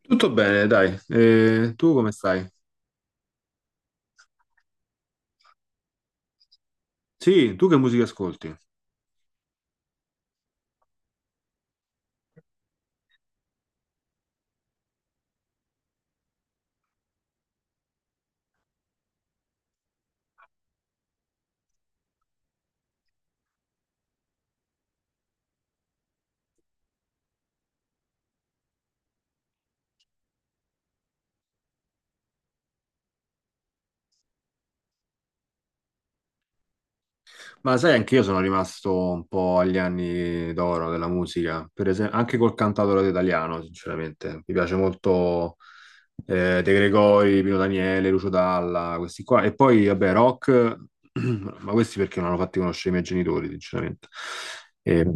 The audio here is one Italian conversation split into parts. Tutto bene, dai. Tu come stai? Sì, tu che musica ascolti? Ma sai, anche io sono rimasto un po' agli anni d'oro della musica, per esempio, anche col cantautore italiano, sinceramente. Mi piace molto De Gregori, Pino Daniele, Lucio Dalla, questi qua. E poi, vabbè, rock, ma questi perché non hanno fatti conoscere i miei genitori, sinceramente. Eh,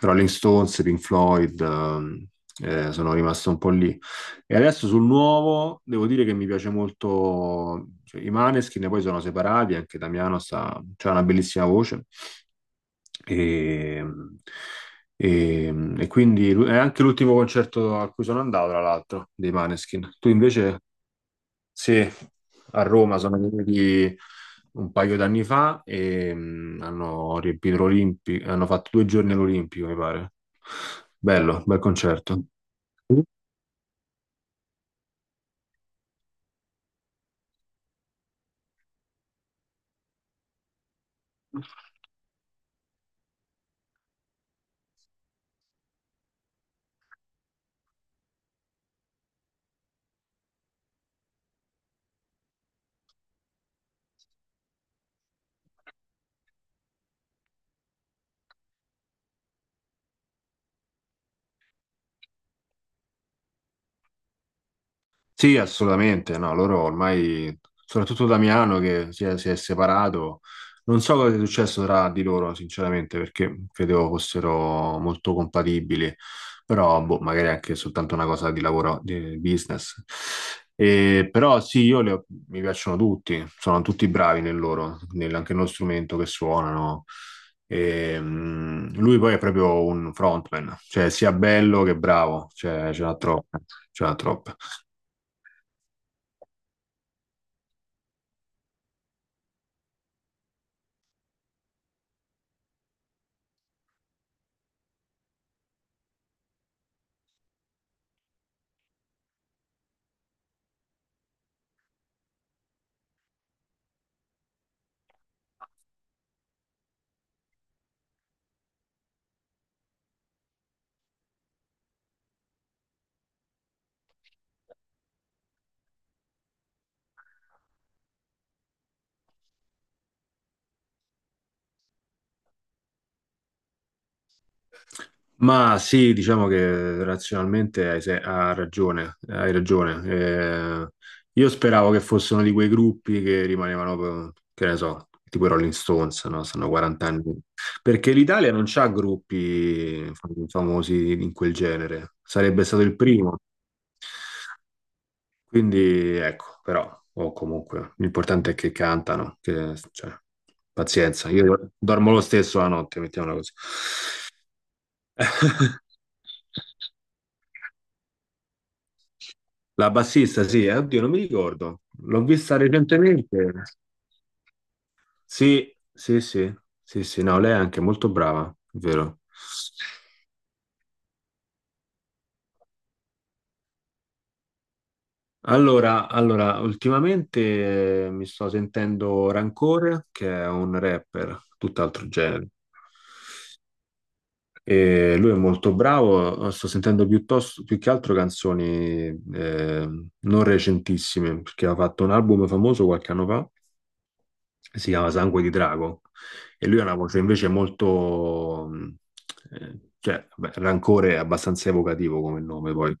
Rolling Stones, Pink Floyd, sono rimasto un po' lì. E adesso sul nuovo devo dire che mi piace molto, cioè, i Maneskin poi sono separati, anche Damiano ha una bellissima voce e, e quindi è anche l'ultimo concerto a cui sono andato, tra l'altro, dei Maneskin. Tu invece, sì, a Roma sono venuti un paio d'anni fa e hanno riempito l'Olimpico, hanno fatto due giorni all'Olimpico, mi pare. Bello, bel concerto. Sì, assolutamente, no, loro ormai, soprattutto Damiano che si è separato, non so cosa sia successo tra di loro, sinceramente, perché credevo fossero molto compatibili, però boh, magari anche soltanto una cosa di lavoro, di business. E, però sì, mi piacciono tutti, sono tutti bravi nel loro, anche nello strumento che suonano. E, lui poi è proprio un frontman, cioè sia bello che bravo, cioè, ce l'ha troppo, ce l'ha troppo. Ma sì, diciamo che razionalmente hai, se- ha ragione, hai ragione. Io speravo che fossero di quei gruppi che rimanevano, che ne so, tipo i Rolling Stones, no? Stanno 40 anni. Perché l'Italia non c'ha gruppi famosi in quel genere. Sarebbe stato il primo. Quindi ecco, però, o comunque, l'importante è che cantano, che, cioè, pazienza, io dormo lo stesso la notte, mettiamola così. La bassista, sì, oddio, non mi ricordo. L'ho vista recentemente. Sì, sì, sì, sì, sì, no, lei è anche molto brava, è vero. Allora, allora, ultimamente mi sto sentendo Rancore, che è un rapper, tutt'altro genere. E lui è molto bravo, sto sentendo piuttosto, più che altro canzoni eh, non recentissime, perché ha fatto un album famoso qualche anno fa, si chiama Sangue di Drago. E lui ha una voce invece molto, cioè, beh, Rancore è abbastanza evocativo come nome poi.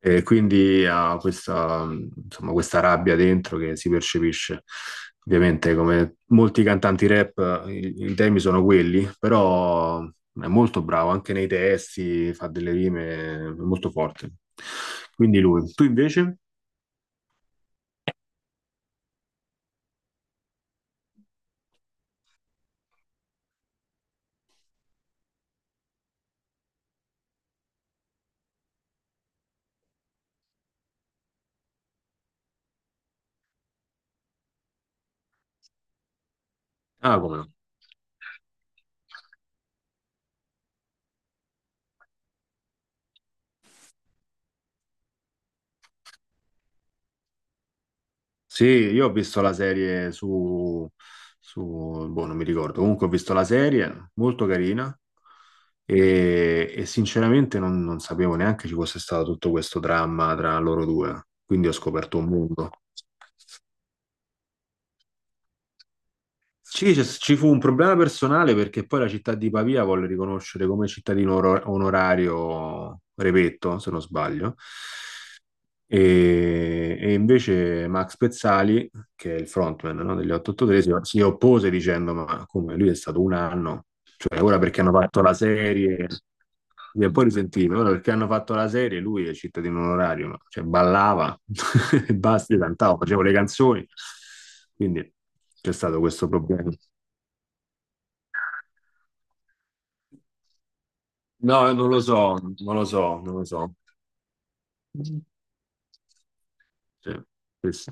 E quindi ha questa, insomma, questa rabbia dentro che si percepisce. Ovviamente, come molti cantanti rap, i temi sono quelli, però è molto bravo anche nei testi, fa delle rime è molto forti. Quindi lui. Tu invece? Ah, come no. Sì, io ho visto la serie su boh, non mi ricordo, comunque ho visto la serie, molto carina, e sinceramente non sapevo neanche ci fosse stato tutto questo dramma tra loro due, quindi ho scoperto un mondo. Sì, ci fu un problema personale perché poi la città di Pavia volle riconoscere come cittadino onorario Repetto, se non sbaglio. E invece Max Pezzali, che è il frontman, no, degli 883, si oppose dicendo: Ma come lui è stato un anno, cioè ora perché hanno fatto la serie, mi è poi risentito, ora perché hanno fatto la serie, lui è cittadino onorario, cioè ballava e basta, io cantavo, facevo le canzoni, quindi c'è stato questo problema. No, non lo so, non lo so, non lo so. Sì, sì, sì.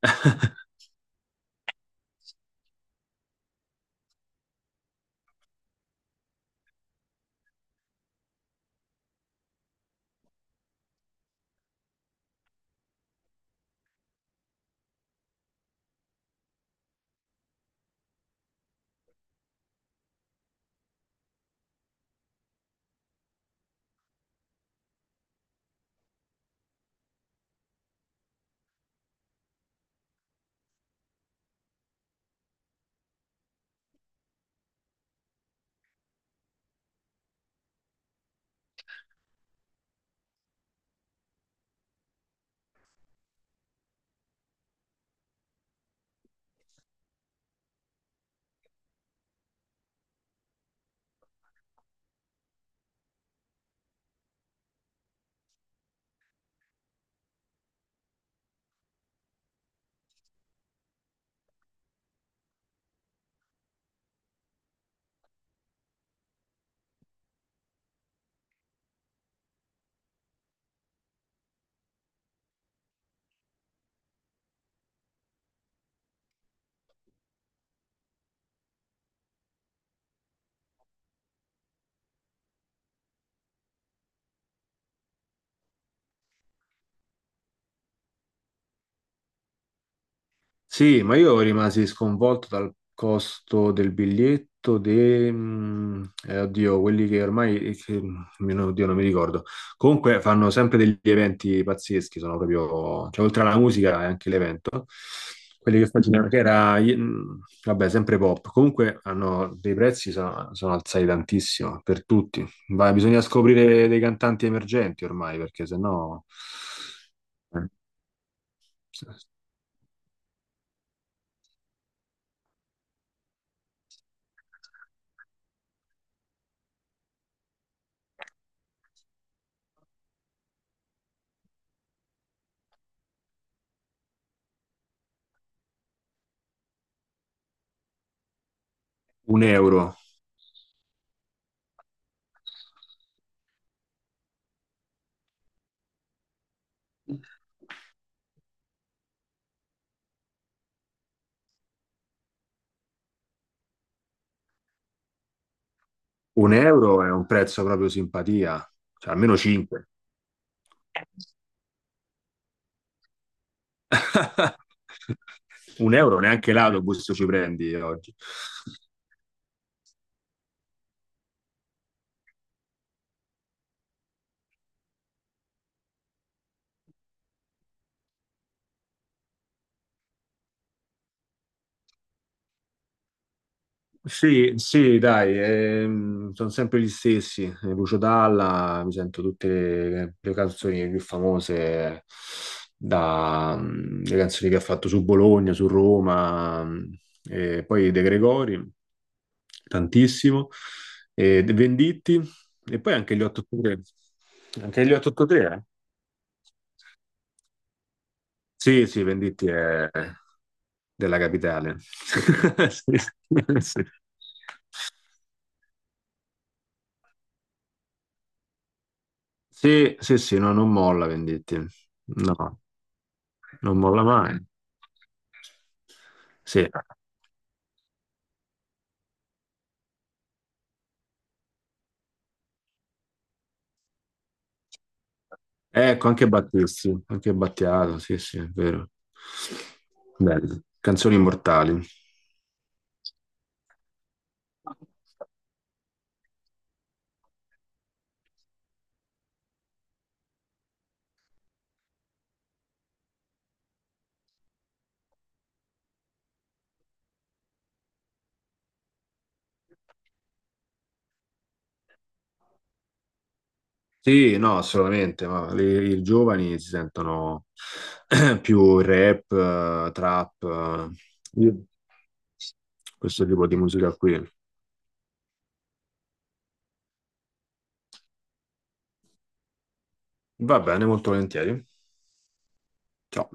Sì, ma io rimasi sconvolto dal costo del biglietto, oddio, quelli che ormai, oddio, non mi ricordo. Comunque fanno sempre degli eventi pazzeschi, sono proprio, cioè oltre alla musica è anche l'evento. Quelli che facevano, che era, vabbè, sempre pop. Comunque hanno dei prezzi, sono alzati tantissimo per tutti. Ma bisogna scoprire dei cantanti emergenti ormai, perché sennò eh, un euro. Un euro è un prezzo proprio simpatia, cioè almeno 5. Un euro neanche l'autobus ci prendi oggi. Sì, sì, dai, sono sempre gli stessi. Lucio Dalla, mi sento tutte le canzoni più famose, le canzoni che ha fatto su Bologna, su Roma, e poi De Gregori, tantissimo, e De Venditti, e poi anche gli 883. Anche gli 883, sì, sì, Venditti è della capitale. Sì, sì. Sì, sì, sì, no, non molla Venditti. No, non molla mai. Sì. Ecco, anche Battisti, anche Battiato, sì, sì, è vero. Bello. Canzoni immortali. Sì, no, assolutamente, ma i giovani si sentono più rap, trap, Io- questo tipo di musica qui. Va bene, molto volentieri. Ciao.